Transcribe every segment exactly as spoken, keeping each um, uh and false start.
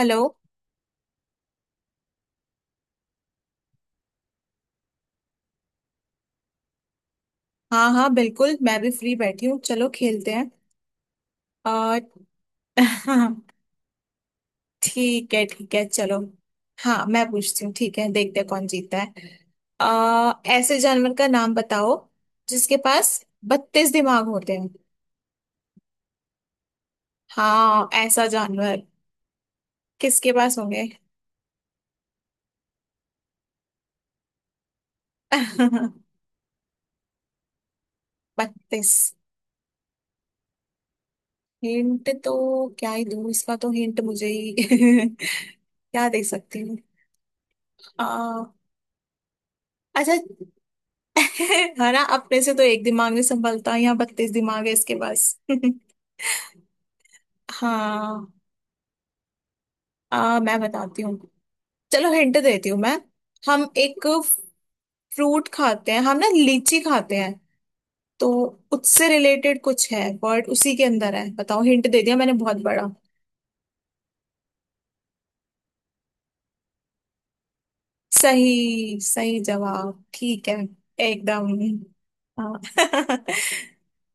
Hello. हाँ, हाँ, बिल्कुल, मैं भी फ्री बैठी हूँ, चलो खेलते हैं। और। हाँ। ठीक है, ठीक है, चलो। हाँ, मैं पूछती हूँ। ठीक है, देखते हैं कौन जीतता है। आ, ऐसे जानवर का नाम बताओ जिसके पास बत्तीस दिमाग होते हैं। हाँ, ऐसा जानवर किसके पास होंगे? बत्तीस। हिंट तो क्या ही दूँ, इसका तो हिंट मुझे ही क्या दे सकती हूँ। आ, अच्छा। है ना, अपने से तो एक दिमाग नहीं संभलता, यहाँ बत्तीस दिमाग है इसके पास। हाँ। आ, मैं बताती हूँ। चलो, हिंट देती हूँ मैं। हम एक फ्रूट खाते हैं, हम ना लीची खाते हैं, तो उससे रिलेटेड कुछ है। वर्ड उसी के अंदर है। बताओ, हिंट दे दिया मैंने बहुत बड़ा। सही सही जवाब, ठीक है। एकदम। हाँ।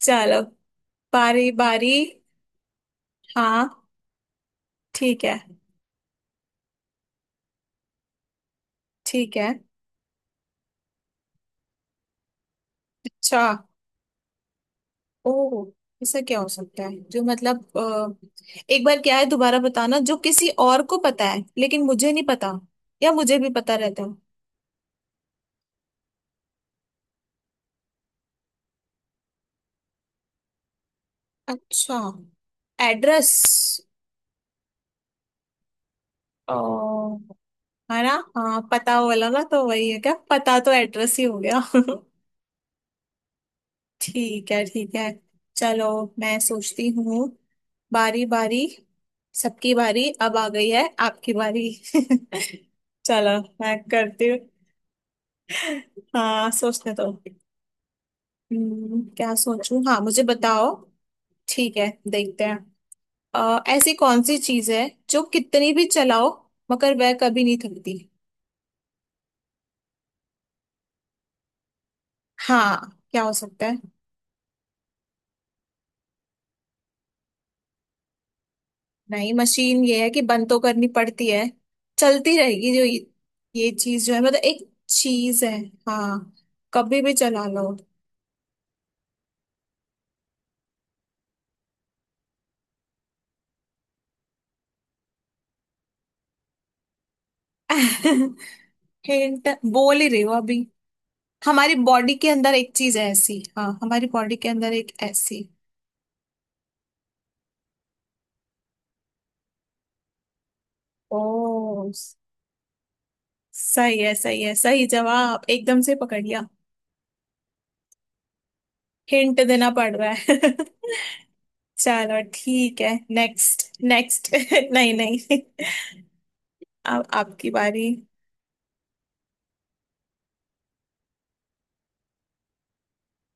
चलो, बारी बारी। हाँ, ठीक है, ठीक है। अच्छा। ओह। ऐसा क्या हो सकता है जो मतलब अ, एक बार क्या है दोबारा बताना, जो किसी और को पता है लेकिन मुझे नहीं पता, या मुझे भी पता रहता है? अच्छा, एड्रेस। ओ, है ना। हाँ, पता वाला ना, तो वही है क्या पता, तो एड्रेस ही हो गया। ठीक है, ठीक है। चलो, मैं सोचती हूँ। बारी बारी, सबकी बारी, अब आ गई है आपकी बारी। चलो, मैं करती हूँ। हाँ, सोचने दो। हम्म, क्या सोचूं, हाँ, मुझे बताओ। ठीक है, देखते हैं। अ, ऐसी कौन सी चीज है जो कितनी भी चलाओ, मगर वह कभी नहीं थकती? हाँ, क्या हो सकता है? नहीं, मशीन ये है कि बंद तो करनी पड़ती है। चलती रहेगी, जो ये। ये चीज जो है, मतलब एक चीज है। हाँ, कभी भी चला लो। हिंट बोल ही रही हो अभी। हमारी बॉडी के अंदर एक चीज है ऐसी, हाँ, हमारी बॉडी के अंदर एक ऐसी। ओ, सही है, सही है, सही जवाब, एकदम से पकड़ लिया। हिंट देना पड़ रहा है। चलो, ठीक है, नेक्स्ट नेक्स्ट। नहीं, नहीं। अब आपकी बारी।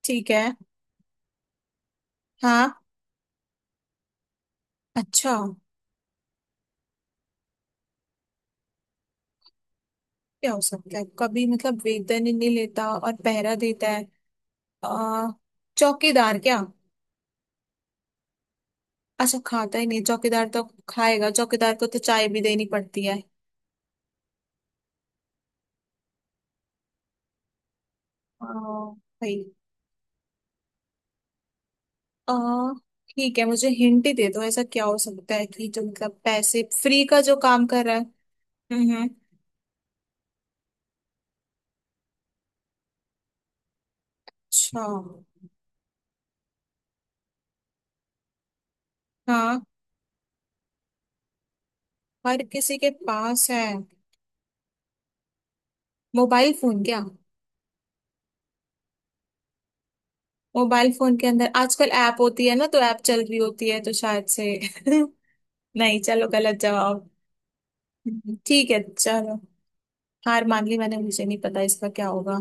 ठीक है। हाँ, अच्छा, क्या हो सकता है? कभी मतलब वेतन ही नहीं लेता और पहरा देता है। आ, चौकीदार क्या? अच्छा, खाता ही नहीं चौकीदार तो? खाएगा, चौकीदार को तो चाय भी देनी पड़ती है। आ, भाई। आ, ठीक है, मुझे हिंट ही दे दो। ऐसा क्या हो सकता है कि जो मतलब पैसे फ्री का जो काम कर रहा है? हम्म, हम्म, अच्छा। हाँ, हर किसी के पास है। मोबाइल फोन क्या? मोबाइल फोन के अंदर आजकल ऐप होती है ना, तो ऐप चल रही होती है, तो शायद से। नहीं, चलो, गलत जवाब। हम्म, ठीक है, चलो। हार मान ली मैंने, मुझे नहीं पता इसका क्या होगा।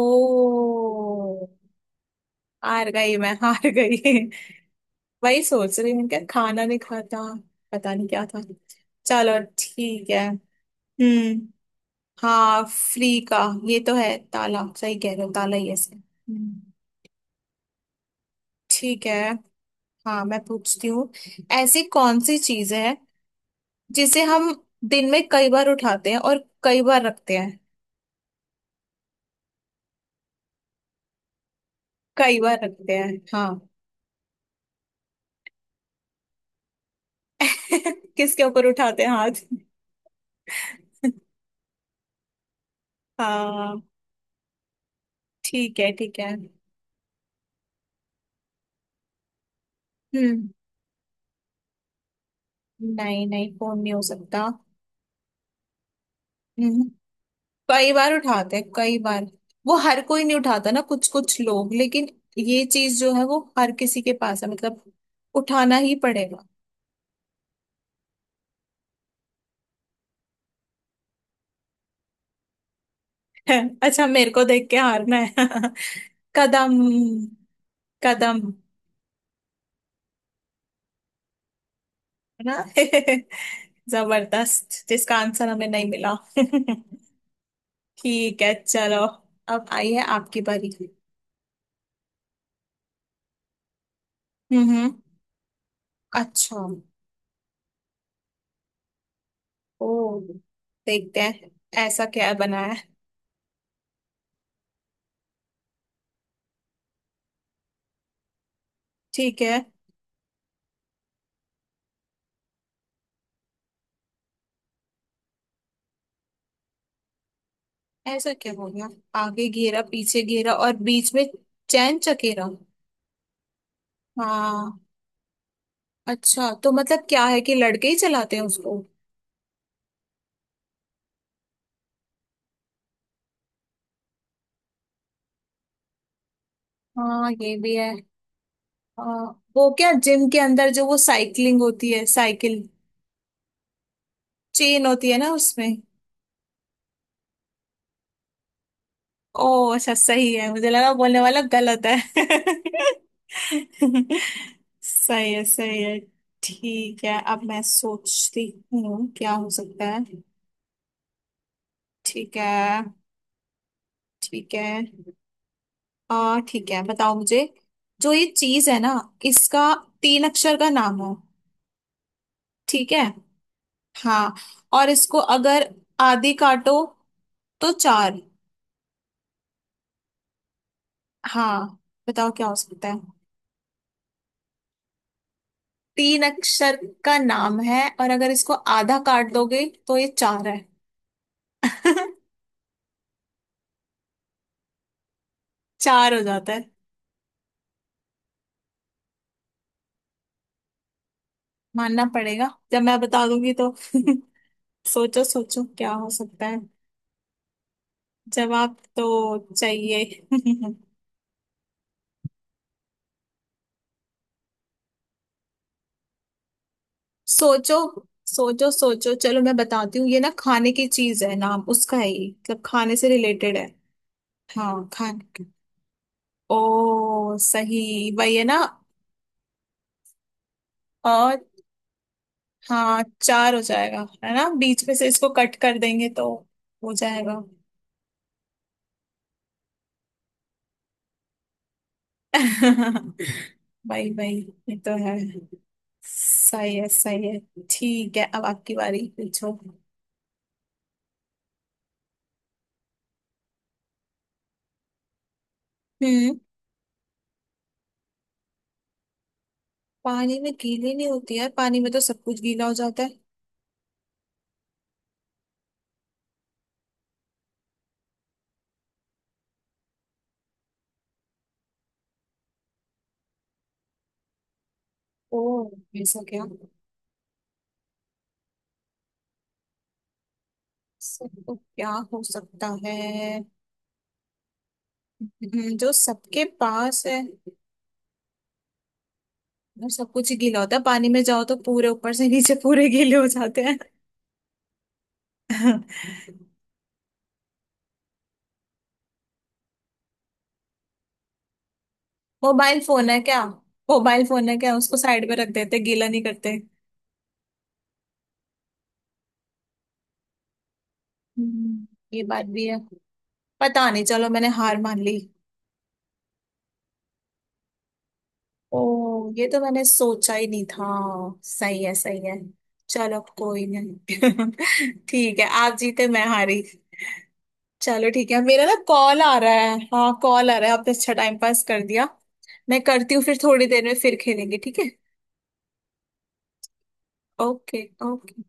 ओ, हार गई, मैं हार गई। वही सोच रही हूँ, क्या खाना नहीं खाता, पता नहीं क्या था। चलो, ठीक है। हम्म। हाँ, फ्री का। ये तो है ताला, सही कह रहे हो, ताला ही ऐसे। हम्म। ठीक है। हाँ, मैं पूछती हूँ। ऐसी कौन सी चीज है जिसे हम दिन में कई बार उठाते हैं और कई बार रखते हैं? कई बार रखते हैं, हाँ। किसके ऊपर उठाते हैं हाथ? हाँ, ठीक है, ठीक है। हम्म। नहीं, नहीं, फोन नहीं हो सकता। हम्म। कई बार उठाते हैं, कई बार वो हर कोई नहीं उठाता ना, कुछ कुछ लोग, लेकिन। ये चीज जो है वो हर किसी के पास है, मतलब उठाना ही पड़ेगा। अच्छा, मेरे को देख के हारना है। कदम। कदम। है ना? जबरदस्त, जिसका आंसर हमें नहीं मिला। ठीक है, चलो। अब आई है आपकी बारी। हम्म, हम्म। अच्छा, ओ, देखते हैं ऐसा क्या बनाया है। ठीक है। ऐसा क्या हो गया? आगे घेरा, पीछे घेरा, और बीच में चैन चकेरा? हाँ, अच्छा, तो मतलब क्या है कि लड़के ही चलाते हैं उसको? हाँ, ये भी है। हाँ, वो क्या जिम के अंदर जो वो साइकिलिंग होती है, साइकिल, चेन होती है ना उसमें। ओ, अच्छा, सही है, मुझे लगा बोलने वाला गलत है। सही है, सही है। ठीक है, अब मैं सोचती हूँ क्या हो सकता है। ठीक है, ठीक है। आ ठीक है, बताओ मुझे। जो ये चीज है ना, इसका तीन अक्षर का नाम हो। ठीक है। हाँ, और इसको अगर आधी काटो तो चार। हाँ, बताओ क्या हो सकता है। तीन अक्षर का नाम है, और अगर इसको आधा काट दोगे तो ये चार है। चार हो जाता है। मानना पड़ेगा जब मैं बता दूंगी तो। सोचो, सोचो, क्या हो सकता है। जवाब तो चाहिए। सोचो, सोचो, सोचो, चलो मैं बताती हूँ, ये ना खाने की चीज है, नाम उसका है ये, मतलब खाने से रिलेटेड है। हाँ, खाने की। ओ, सही। वही है ना? और हाँ, चार हो जाएगा है ना, बीच में से इसको कट कर देंगे तो हो जाएगा। भाई, भाई, ये तो है। सही है, सही है। ठीक है, अब आपकी बारी, पूछो। हम्म। पानी में गीली नहीं होती, यार पानी में तो सब कुछ गीला हो जाता है। ओ, ऐसा क्या? सब तो क्या हो सकता है? हम्म, जो सबके पास है। वो सब कुछ ही गीला होता है, पानी में जाओ तो पूरे ऊपर से नीचे पूरे गीले हो जाते हैं। मोबाइल फोन है क्या? मोबाइल फोन है क्या, उसको साइड में रख देते गीला नहीं करते? हम्म, ये बात भी है। पता नहीं, चलो मैंने हार मान ली। ओ, ये तो मैंने सोचा ही नहीं था। सही है, सही है। चलो, कोई नहीं। ठीक है, आप जीते, मैं हारी। चलो, ठीक है, मेरा ना कॉल आ रहा है, हाँ कॉल आ रहा है, आपने अच्छा टाइम पास कर दिया। मैं करती हूँ, फिर थोड़ी देर में फिर खेलेंगे, ठीक है? Okay, okay.